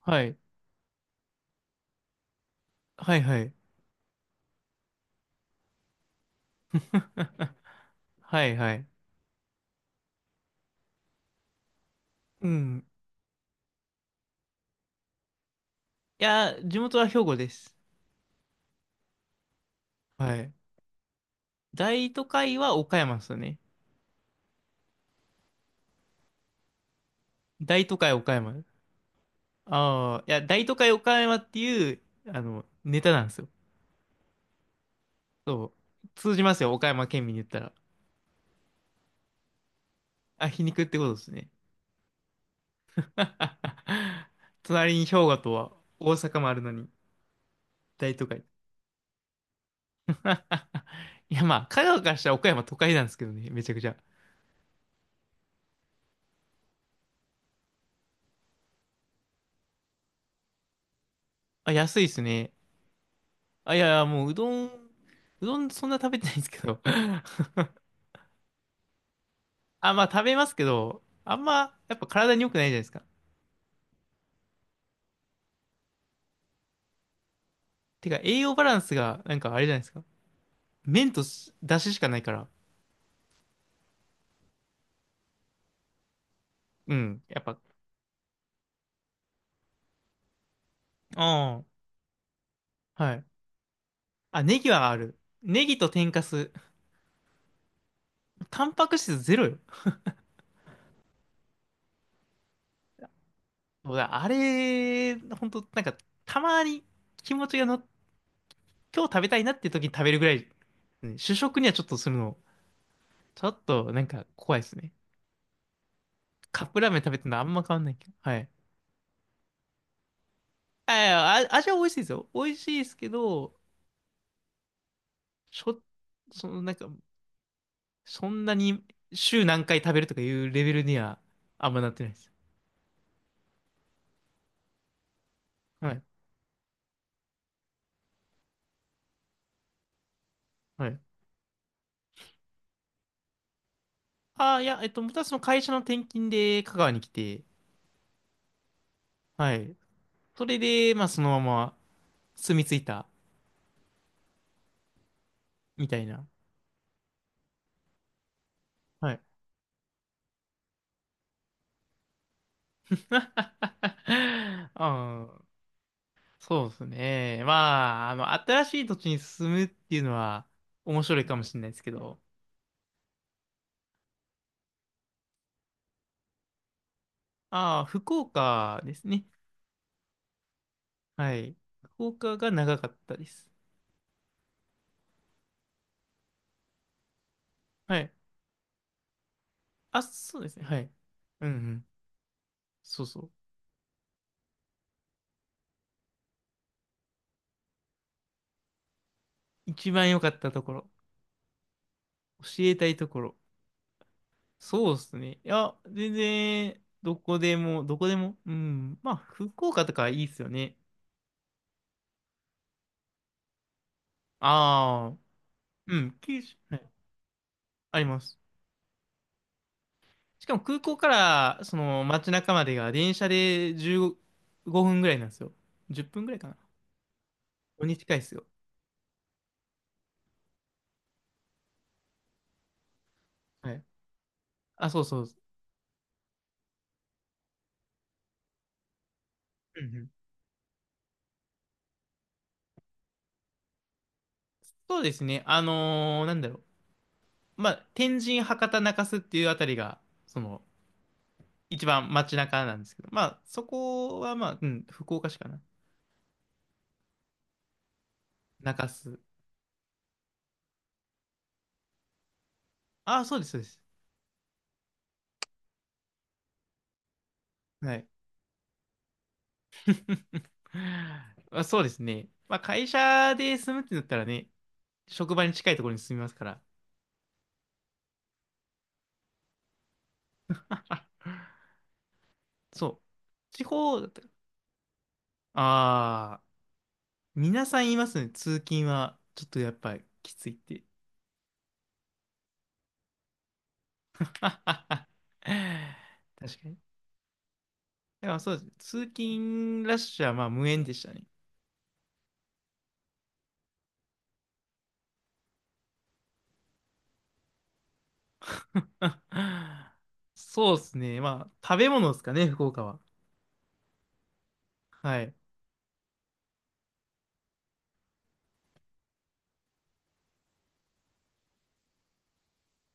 はい。はいはい。はいはい。うん。いや、地元は兵庫です。はい。大都会は岡山ですよね。大都会岡山。ああ、いや、大都会岡山っていう、ネタなんですよ。そう。通じますよ、岡山県民に言ったら。あ、皮肉ってことですね。隣に兵庫とは大阪もあるのに、大都会。いや、まあ、香川からしたら岡山都会なんですけどね、めちゃくちゃ。あ、安いっすね。あ、いやいや、もううどん、うどんそんな食べてないんですけど。あ、まあ食べますけど、あんまやっぱ体に良くないじゃないですか。てか栄養バランスがなんかあれじゃないですか。麺とし出汁しかないから。うん。やっぱ、うん。はい。あ、ネギはある。ネギと天かす。タンパク質ゼロよ。そうだあれ、ほんと、なんか、たまに気持ちがの、今日食べたいなって時に食べるぐらい、うん、主食にはちょっとするの、ちょっとなんか怖いですね。カップラーメン食べてるのあんま変わんないけど。はい。あ、いやあ味は美味しいですよ。美味しいですけど、しょ、その、なんか、そんなに週何回食べるとかいうレベルにはあんまなってないです。はい。はい。ああ、いや、またその会社の転勤で香川に来て、はい。それで、まあ、そのまま住み着いた、みたいな。はい。うん。そうですね。まあ、新しい土地に住むっていうのは面白いかもしれないですけど、ああ、福岡ですね。はい。福岡が長かったです。はい。あ、そうですね。はい。うんうん。そうそう。一番良かったところ。教えたいところ。そうですね。いや、全然、どこでも、どこでも。うん。まあ、福岡とかいいっすよね。ああ、うん。九州、はい。あります。しかも空港から、その街中までが電車で15分ぐらいなんですよ。10分ぐらいかな。に近いっすよ。はい。あ、そうそう。うんうん、そうですね。まあ、天神、博多、中洲っていうあたりが、その、一番街中なんですけど、まあ、そこは、まあ、うん、福岡市かな。中洲。ああ、そうです、そうです。はい。まあ、そうですね。まあ、会社で住むってなったらね、職場に近いところに住みますから。そう。地方だったああー、皆さん言いますね。通勤は、ちょっとやっぱりきついって。確かに。だからそうですね。通勤ラッシュはまあ無縁でしたね。そうですね。まあ、食べ物ですかね、福岡は。はい。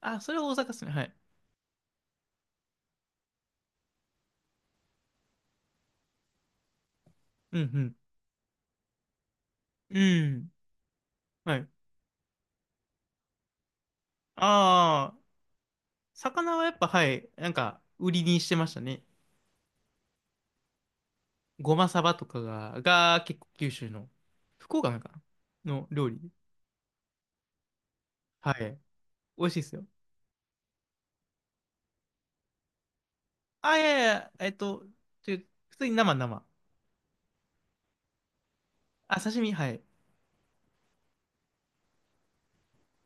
あ、それは大阪ですね。はい。うんうん。うん。はい。ああ、魚はやっぱ、はい。なんか、売りにしてましたね。ごまさばとかが、が結構九州の、福岡なんかなの料理。はい。美味しいですよ。あ、いやいや、ちょ普通に生生。あ、刺身、はい。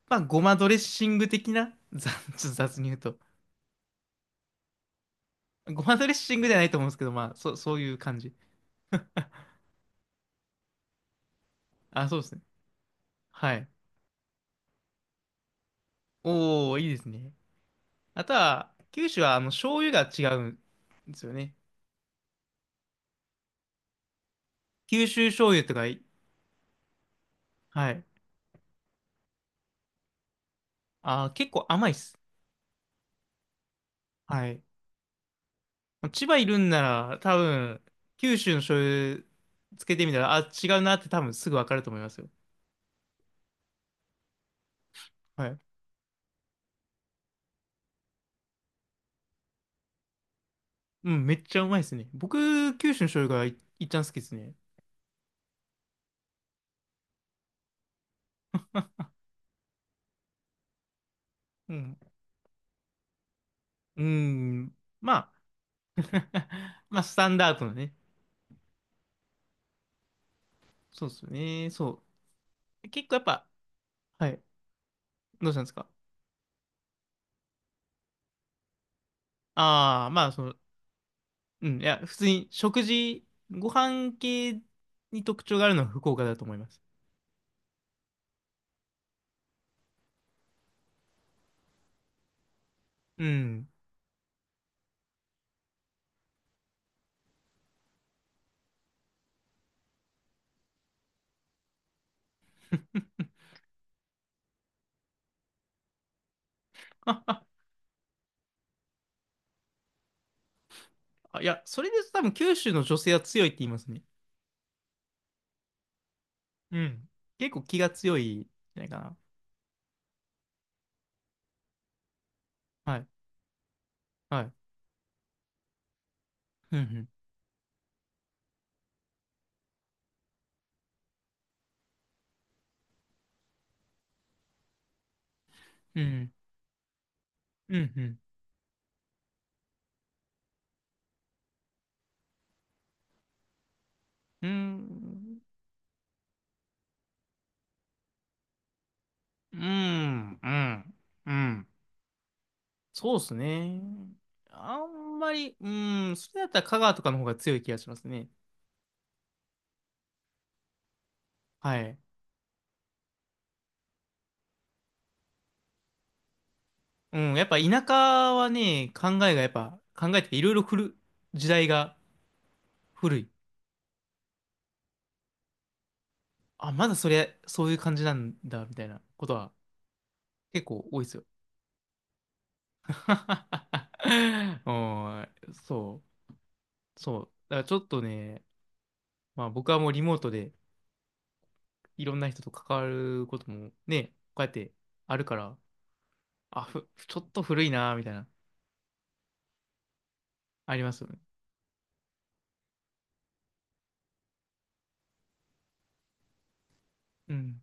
まあ、ごまドレッシング的な、ちょっと雑に言うと。ごまドレッシングじゃないと思うんですけど、まあ、そういう感じ。あ、そうですね。はい。おー、いいですね。あとは、九州は醤油が違うんですよね。九州醤油とかい、はい。あー、結構甘いっす。はい。千葉いるんなら、多分、九州の醤油つけてみたら、あ、違うなって多分すぐわかると思いますよ。はい。うん、めっちゃうまいですね。僕、九州の醤油がい、いっちゃん好きですね。うん。うーん。まあ、まあ、スタンダードのね。そうですよね。そう。結構やっぱ、はい。どうしたんですか？ああ、いや、普通に食事、ご飯系に特徴があるのは福岡だと思います。うん。あ、いや、それで多分九州の女性は強いって言いますね。うん。結構気が強いんじゃないかな。はい。はい。うん、うん。うん、うん。うん、うん、うん。うん。そうですね。あんまり、うん、それだったら香川とかの方が強い気がしますね。はい。うん、やっぱ田舎はね、考えがやっぱ、考えていろいろ古る、時代が古い。あ、まだそれ、そういう感じなんだ、みたいなことは結構多いですよ。おん、そう、そう。だからちょっとね、まあ僕はもうリモートでいろんな人と関わることもね、こうやってあるから、あ、ふ、ちょっと古いな、みたいな、ありますよね。うん。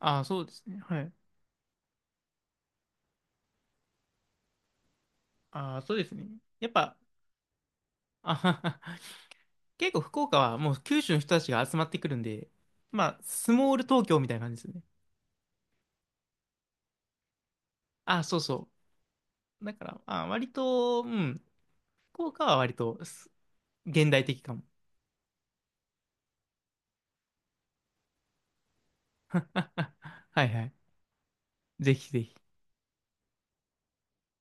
あ、そうですね。はい。あ、そうですね。やっぱ、あはは結構福岡はもう九州の人たちが集まってくるんで、まあ、スモール東京みたいな感じですよね。あ、そうそう。だから、あ、割と、うん、福岡は割と現代的かも。はいはい。ぜひぜひ。